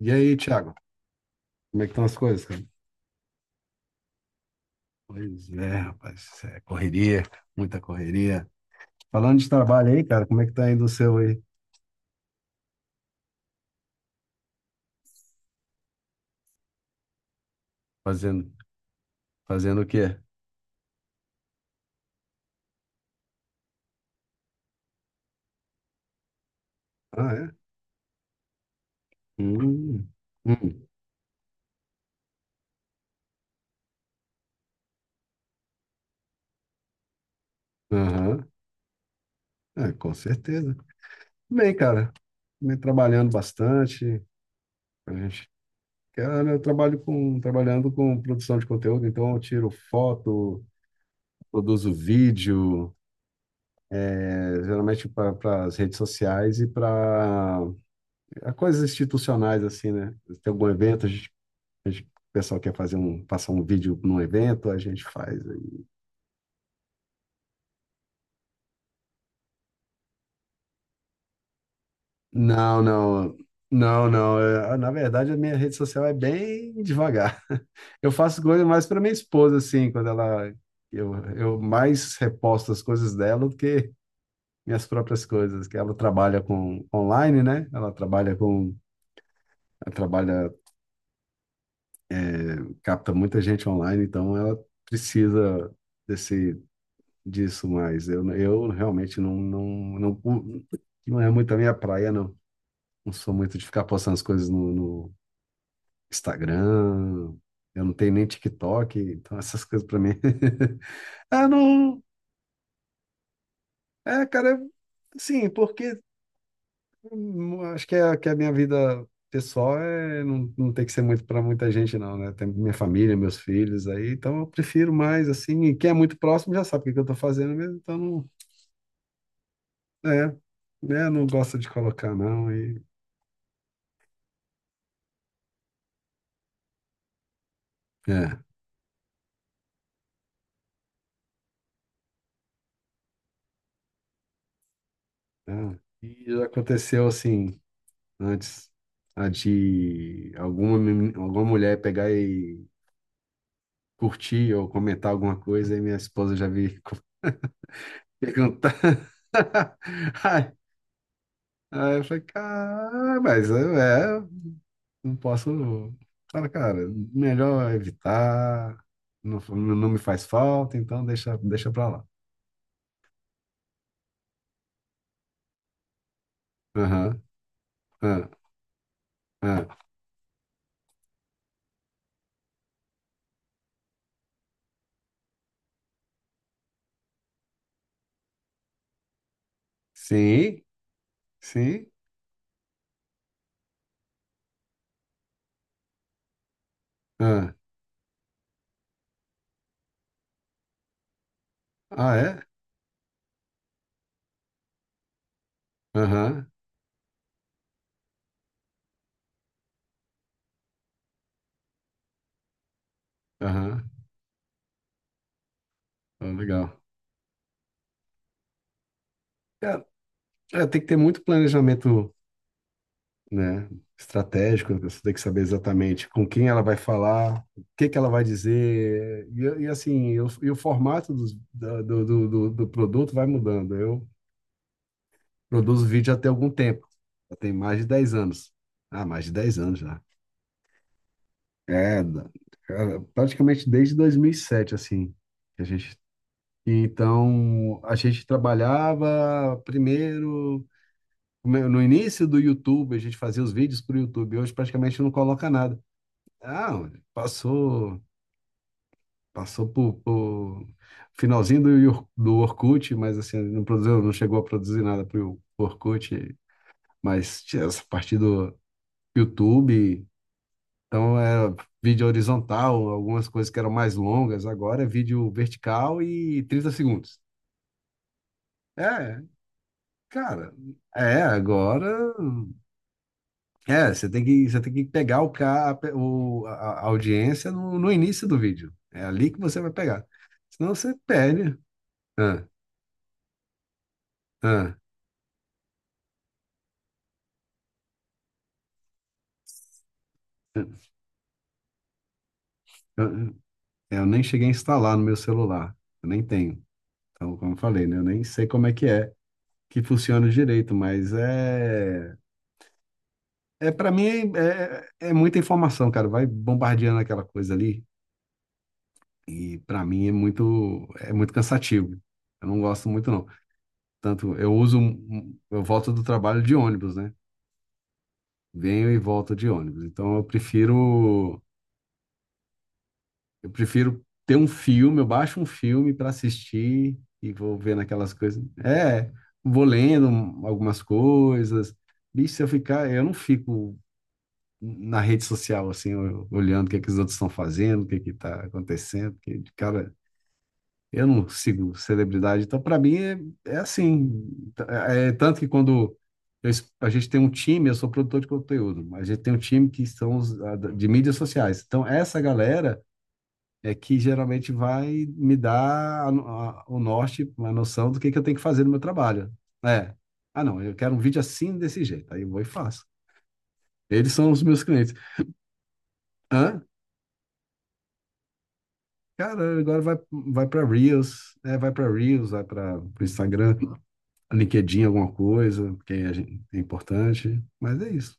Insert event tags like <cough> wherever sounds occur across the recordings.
E aí, Thiago, como é que estão as coisas, cara? Pois é, rapaz, é correria, muita correria. Falando de trabalho aí, cara, como é que tá indo o seu aí? Fazendo, fazendo o quê? Ah, é? Hum, hum, aham. É, com certeza. Bem, cara, também trabalhando bastante, a gente, cara, trabalhando com produção de conteúdo, então eu tiro foto, produzo vídeo, geralmente para as redes sociais e para a coisas institucionais assim, né? Tem algum evento, o pessoal quer passar um vídeo num evento, a gente faz aí. Não, não, não, não. É, na verdade, a minha rede social é bem devagar. <laughs> Eu faço coisa mais para minha esposa, assim, quando ela. Eu mais reposto as coisas dela do que minhas próprias coisas, que ela trabalha com online, né? Ela trabalha com. Ela trabalha, capta muita gente online, então ela precisa desse disso mais. Eu realmente não, não é muito a minha praia, não. Não sou muito de ficar postando as coisas no Instagram. Eu não tenho nem TikTok, então essas coisas pra mim. <laughs> Ah, não. É, cara, sim, porque acho que, que a minha vida pessoal é, não tem que ser muito pra muita gente, não, né? Tem minha família, meus filhos aí, então eu prefiro mais assim. E quem é muito próximo já sabe o que que eu tô fazendo mesmo, então não. É, né? Não gosto de colocar, não. E é, é. E já aconteceu assim, antes, a de alguma, meni- alguma mulher pegar e curtir ou comentar alguma coisa, e minha esposa já veio <laughs> perguntar. <laughs> Ai, aí eu falei, cara, mas eu não posso. Cara, melhor evitar, não, não me faz falta, então deixa pra lá. Aham, ah, ah. Sim, sim. Ah, ah, é? Aham, aham. Ah, legal. É, é, tem que ter muito planejamento, né, estratégico. Você tem que saber exatamente com quem ela vai falar, o que que ela vai dizer, e assim, e o formato do produto vai mudando. Eu produzo vídeo até algum tempo, já tem mais de 10 anos. Ah, mais de 10 anos já. É, cara, praticamente desde 2007, assim, que a gente... Então, a gente trabalhava primeiro no início do YouTube, a gente fazia os vídeos para o YouTube. Hoje praticamente não coloca nada. Ah, passou, passou por finalzinho do Orkut, mas assim, não produziu, não chegou a produzir nada para o Orkut. Mas tinha essa parte do YouTube, então era vídeo horizontal, algumas coisas que eram mais longas. Agora é vídeo vertical e 30 segundos. É, cara, agora. É, você tem que pegar o, ca- a pe- o- a audiência no início do vídeo. É ali que você vai pegar. Senão você perde. Ah, ah, eu, eu nem cheguei a instalar no meu celular. Eu nem tenho. Então, como eu falei, né? Eu nem sei como é, que funciona direito, mas é. É, para mim, é muita informação, cara. Vai bombardeando aquela coisa ali. E para mim é muito, cansativo. Eu não gosto muito, não. Tanto eu uso, eu volto do trabalho de ônibus, né? Venho e volto de ônibus. Então eu prefiro ter um filme, eu baixo um filme para assistir e vou vendo aquelas coisas. É, vou lendo algumas coisas. Bicho, se eu ficar, eu não fico na rede social assim, olhando o que é que os outros estão fazendo, o que é que tá acontecendo, porque, cara, eu não sigo celebridade, então para mim é assim. É, tanto que quando a gente tem um time, eu sou produtor de conteúdo, a gente tem um time que são de mídias sociais. Então essa galera é que geralmente vai me dar a no- a- o norte, uma noção do que eu tenho que fazer no meu trabalho. É, ah não, eu quero um vídeo assim desse jeito, aí eu vou e faço. Eles são os meus clientes. Hã? Cara, agora vai para Reels, vai para o Instagram. LinkedIn, alguma coisa, porque é importante. Mas é isso.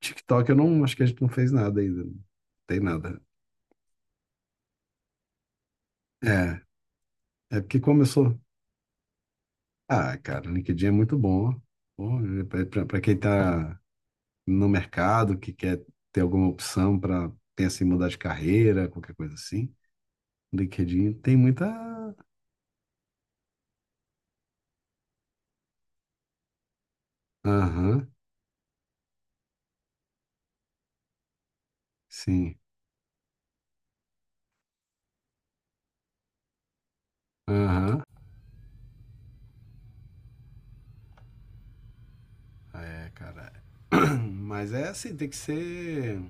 TikTok, eu não acho que a gente não fez nada ainda. Não tem nada. É, é porque começou. Ah, cara, o LinkedIn é muito bom. Para quem está no mercado, que quer ter alguma opção para pensar em mudar de carreira, qualquer coisa assim, o LinkedIn tem muita. Aham, sim. Aham. É, cara. <clears throat> Mas é assim, tem que ser.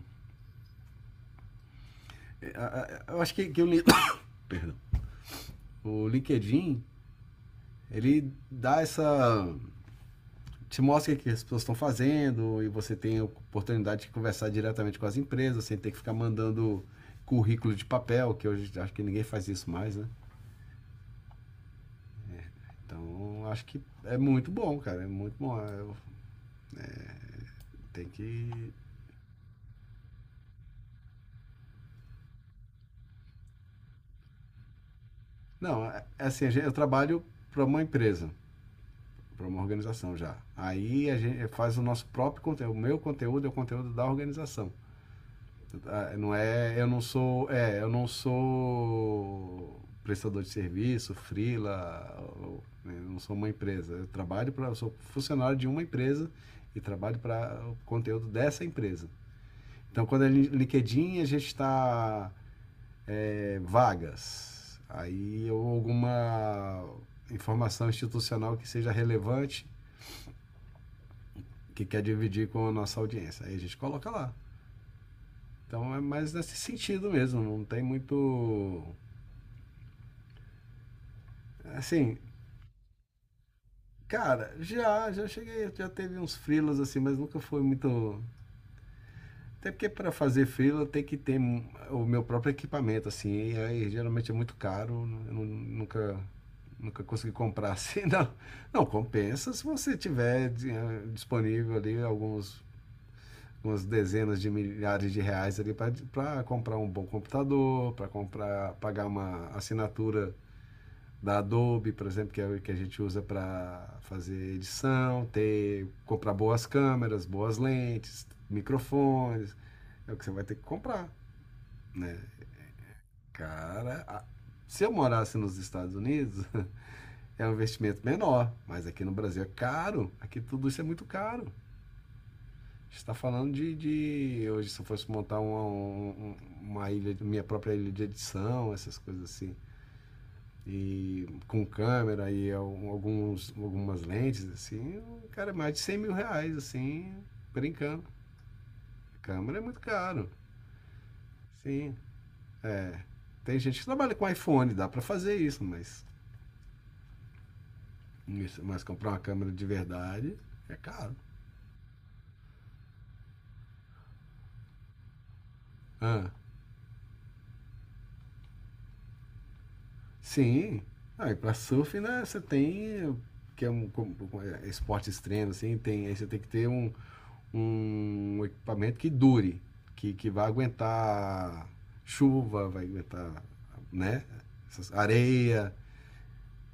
Eu acho que o. <coughs> Perdão. O LinkedIn Ele dá essa. Te mostra o que as pessoas estão fazendo e você tem a oportunidade de conversar diretamente com as empresas, sem ter que ficar mandando currículo de papel, que hoje acho que ninguém faz isso mais, né? Então acho que é muito bom, cara. É muito bom. É, eu tenho que. Não, é assim, eu trabalho para uma empresa, para uma organização já. Aí a gente faz o nosso próprio conteúdo. O meu conteúdo é o conteúdo da organização. Ah, não é, eu não sou, eu não sou prestador de serviço, freela, né, eu não sou uma empresa. Eu sou funcionário de uma empresa e trabalho para o conteúdo dessa empresa. Então, quando LinkedIn, a gente está vagas. Aí ou alguma informação institucional que seja relevante, que quer dividir com a nossa audiência. Aí a gente coloca lá. Então é mais nesse sentido mesmo, não tem muito assim. Cara, já cheguei, já teve uns frilas assim, mas nunca foi muito. Até porque para fazer freela tem que ter o meu próprio equipamento, assim, e aí geralmente é muito caro, eu nunca consegui comprar <laughs> assim, não. Não, compensa se você tiver disponível ali algumas dezenas de milhares de reais ali para comprar um bom computador, para comprar, pagar uma assinatura da Adobe, por exemplo, que é o que a gente usa para fazer edição, ter comprar boas câmeras, boas lentes, microfones, é o que você vai ter que comprar, né? Cara, se eu morasse nos Estados Unidos, <laughs> é um investimento menor, mas aqui no Brasil é caro, aqui tudo isso é muito caro. A gente está falando de, hoje se eu fosse montar uma ilha, minha própria ilha de edição, essas coisas assim, e com câmera e algumas lentes, assim, cara, é mais de R$ 100.000, assim, brincando. Câmera é muito caro, sim. Tem gente que trabalha com iPhone, dá para fazer isso, mas, comprar uma câmera de verdade é caro. Ah, sim. Ah, e para surf, né, você tem, que é um, esporte extremo, assim, tem, aí você tem que ter um equipamento que dure, que vai aguentar chuva, vai aguentar, né, areia.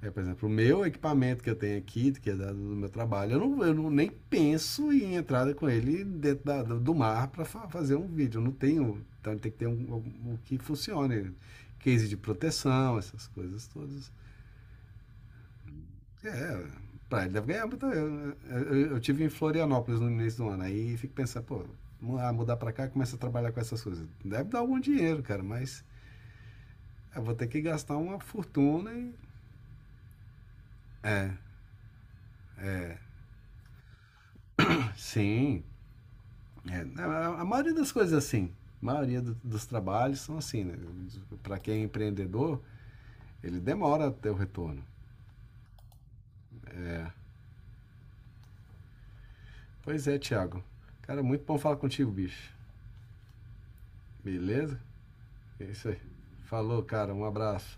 É, por exemplo, o meu equipamento que eu tenho aqui, que é do meu trabalho, eu não nem penso em entrada com ele dentro mar para fa fazer um vídeo. Eu não tenho. Então tem que ter um que funcione. Case de proteção, essas coisas todas. É, pra ele deve ganhar muita. Eu tive em Florianópolis no início do ano, aí fico pensando, pô, mudar, mudar pra cá começa a trabalhar com essas coisas. Deve dar algum dinheiro, cara, mas eu vou ter que gastar uma fortuna e. Sim. A maioria das coisas é assim. A maioria dos trabalhos são assim, né? Pra quem é empreendedor, ele demora até o retorno. Pois é, Thiago. Cara, muito bom falar contigo, bicho. Beleza? É isso aí. Falou, cara. Um abraço.